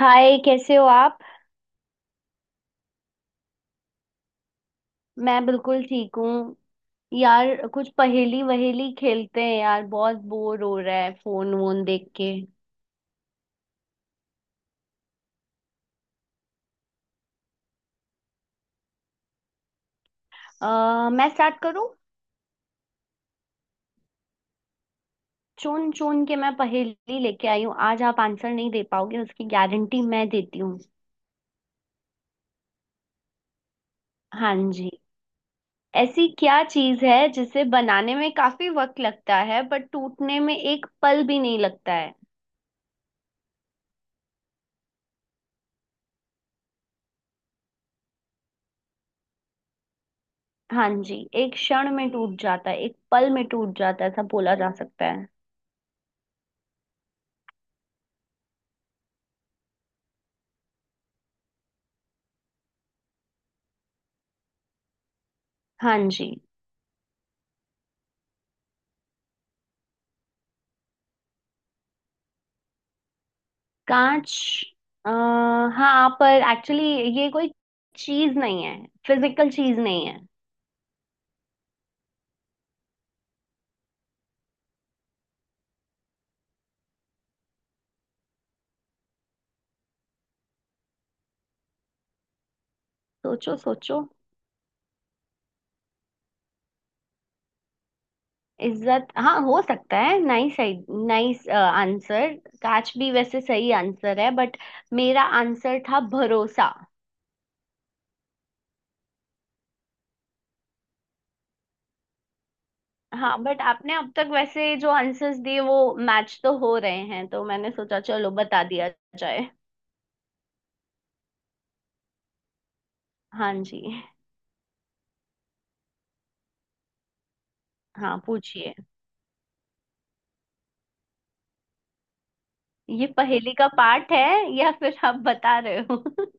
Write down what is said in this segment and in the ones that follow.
हाय कैसे हो आप। मैं बिल्कुल ठीक हूँ। यार कुछ पहेली वहेली खेलते हैं यार, बहुत बोर हो रहा है फोन वोन देख के। मैं स्टार्ट करूँ। चुन चुन के मैं पहेली लेके आई हूँ आज, आप आंसर नहीं दे पाओगे उसकी गारंटी मैं देती हूँ। हाँ जी। ऐसी क्या चीज़ है जिसे बनाने में काफी वक्त लगता है बट टूटने में एक पल भी नहीं लगता है? हाँ जी। एक क्षण में टूट जाता है, एक पल में टूट जाता है, ऐसा बोला जा सकता है। हाँ जी। कांच। आ, हाँ पर एक्चुअली ये कोई चीज नहीं है, फिजिकल चीज नहीं है। सोचो सोचो। इज्जत, हाँ हो सकता है, नाइस। Nice answer. कांच भी वैसे सही आंसर है बट मेरा आंसर था भरोसा। हाँ बट आपने अब तक वैसे जो आंसर्स दिए वो मैच तो हो रहे हैं, तो मैंने सोचा चलो बता दिया जाए। हाँ जी। हाँ पूछिए। ये पहेली का पार्ट है या फिर आप बता रहे हो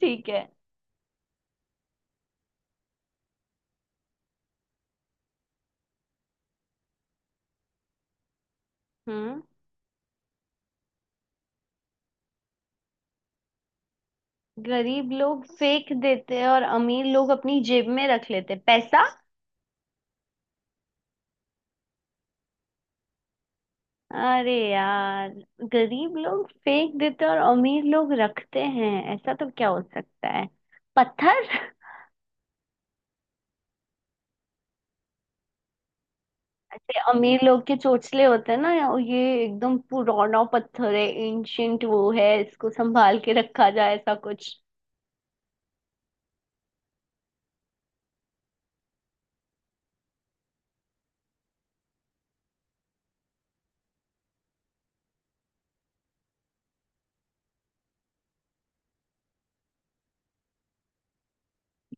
ठीक है। हम्म गरीब लोग फेंक देते हैं और अमीर लोग अपनी जेब में रख लेते हैं, पैसा? अरे यार। गरीब लोग फेंक देते हैं और अमीर लोग रखते हैं, ऐसा तो क्या हो सकता है? पत्थर। ऐसे अमीर लोग के चोंचले होते हैं ना, ये एकदम पुराना पत्थर है एंशियंट वो है, इसको संभाल के रखा जाए ऐसा कुछ।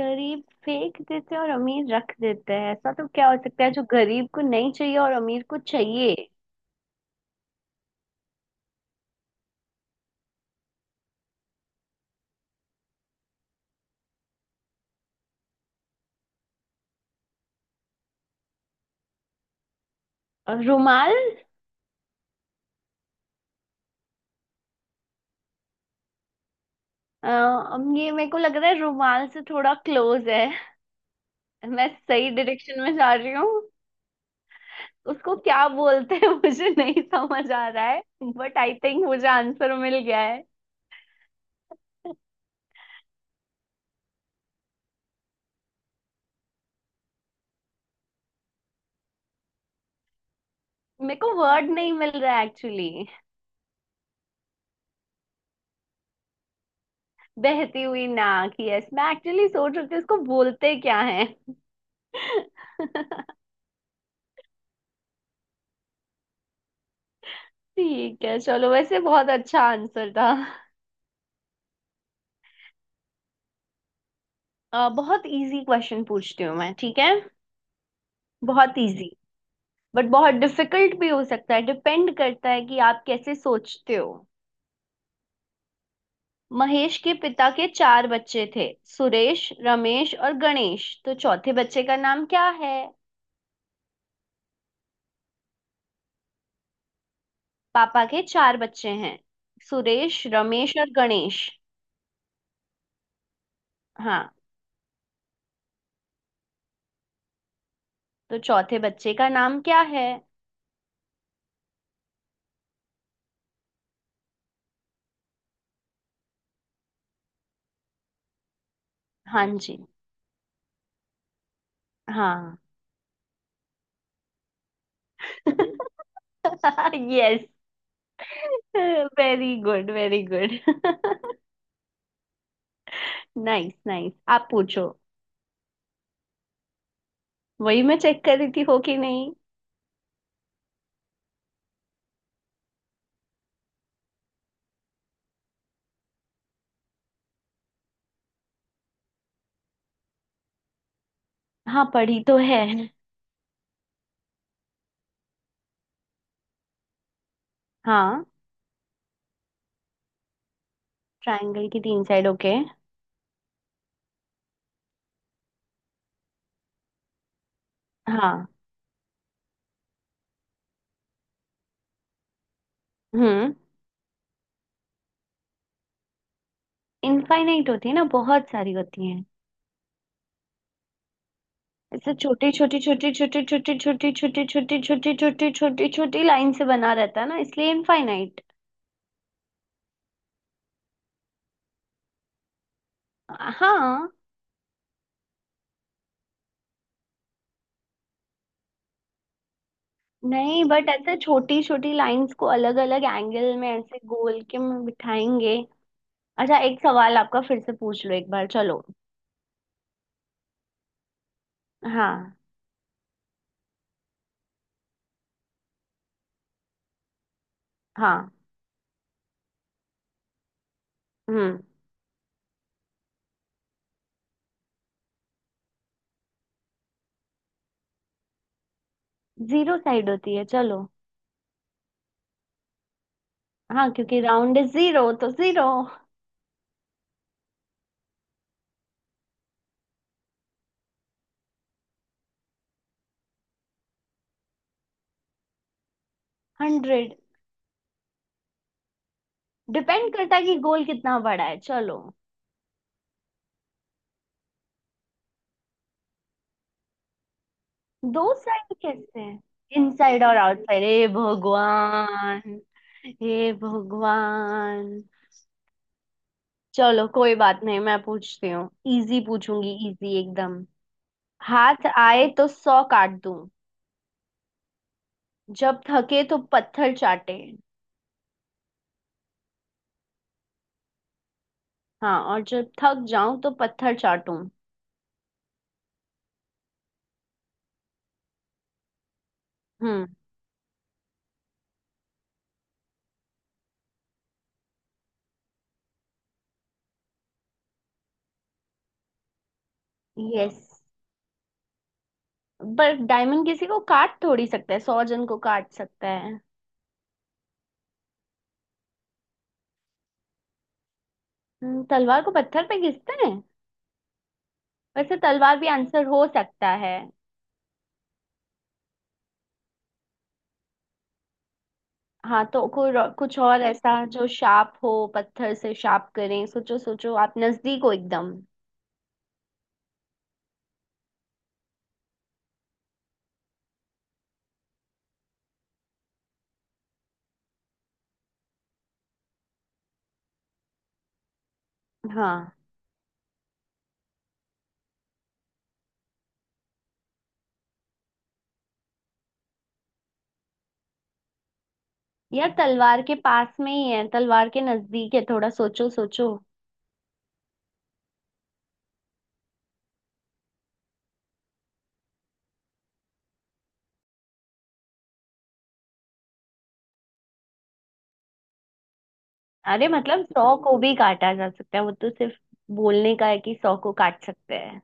गरीब फेंक देते हैं और अमीर रख देते हैं, ऐसा तो क्या हो सकता है जो गरीब को नहीं चाहिए और अमीर को चाहिए? और रुमाल। अब ये मेरे को लग रहा है रुमाल से थोड़ा क्लोज है, मैं सही डायरेक्शन में जा रही हूँ। उसको क्या बोलते हैं मुझे नहीं समझ आ रहा है। बट आई थिंक मुझे आंसर मिल गया है। मेरे को वर्ड नहीं मिल रहा है एक्चुअली। बहती हुई नाक, यस, मैं एक्चुअली सोच रही थी उसको बोलते क्या है। ठीक है, चलो वैसे बहुत अच्छा आंसर था। बहुत इजी क्वेश्चन पूछती हूँ मैं, ठीक है? बहुत इजी, बट बहुत डिफिकल्ट भी हो सकता है, डिपेंड करता है कि आप कैसे सोचते हो। महेश के पिता के चार बच्चे थे, सुरेश रमेश और गणेश, तो चौथे बच्चे का नाम क्या है? पापा के चार बच्चे हैं, सुरेश रमेश और गणेश। हाँ। तो चौथे बच्चे का नाम क्या है? हाँ जी। हाँ yes. Very good very good. Nice nice आप पूछो। वही मैं चेक कर रही थी हो कि नहीं। हाँ पढ़ी तो है। हाँ। ट्रायंगल की तीन साइड, ओके। हाँ। हम्म। इनफाइनाइट होती है ना, बहुत सारी होती हैं। ऐसे छोटी छोटी छोटी छोटी छोटी छोटी छोटी छोटी छोटी छोटी छोटी छोटी लाइन से बना रहता है ना, इसलिए इनफाइनाइट। हाँ। नहीं बट ऐसे छोटी छोटी लाइंस को अलग अलग एंगल में ऐसे गोल के में बिठाएंगे। अच्छा एक सवाल आपका फिर से पूछ लो एक बार, चलो। हाँ हाँ। हम्म। जीरो साइड होती है, चलो। हाँ, क्योंकि राउंड इज जीरो तो जीरो। 100। डिपेंड करता है कि गोल कितना बड़ा है, चलो। दो साइड कैसे हैं? इनसाइड और आउटसाइड, हे भगवान। हे भगवान, चलो कोई बात नहीं, मैं पूछती हूँ। इजी पूछूंगी इजी एकदम। हाथ आए तो 100 काट दूं, जब थके तो पत्थर चाटे। हाँ, और जब थक जाऊं तो पत्थर चाटूं। हम्म। यस। पर डायमंड किसी को काट थोड़ी सकता है, 100 जन को काट सकता है? तलवार को पत्थर पे घिसते हैं। वैसे तलवार भी आंसर हो सकता है। हाँ तो कोई कुछ और ऐसा जो शार्प हो, पत्थर से शार्प करें, सोचो सोचो, आप नजदीक हो एकदम। हाँ यार तलवार के पास में ही है, तलवार के नजदीक है, थोड़ा सोचो सोचो। अरे मतलब 100 को भी काटा जा सकता है, वो तो सिर्फ बोलने का है कि 100 को काट सकते हैं।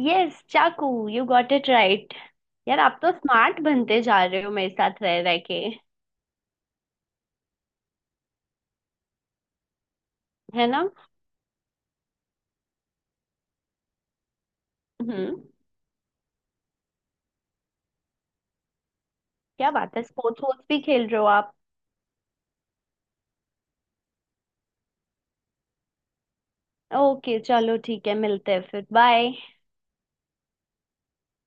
यस चाकू, यू गॉट इट राइट। यार आप तो स्मार्ट बनते जा रहे हो मेरे साथ रह रह के। है ना? हम्म। क्या बात है, स्पोर्ट्स वोर्ट्स भी खेल रहे हो आप? ओके चलो ठीक है, मिलते हैं फिर, बाय।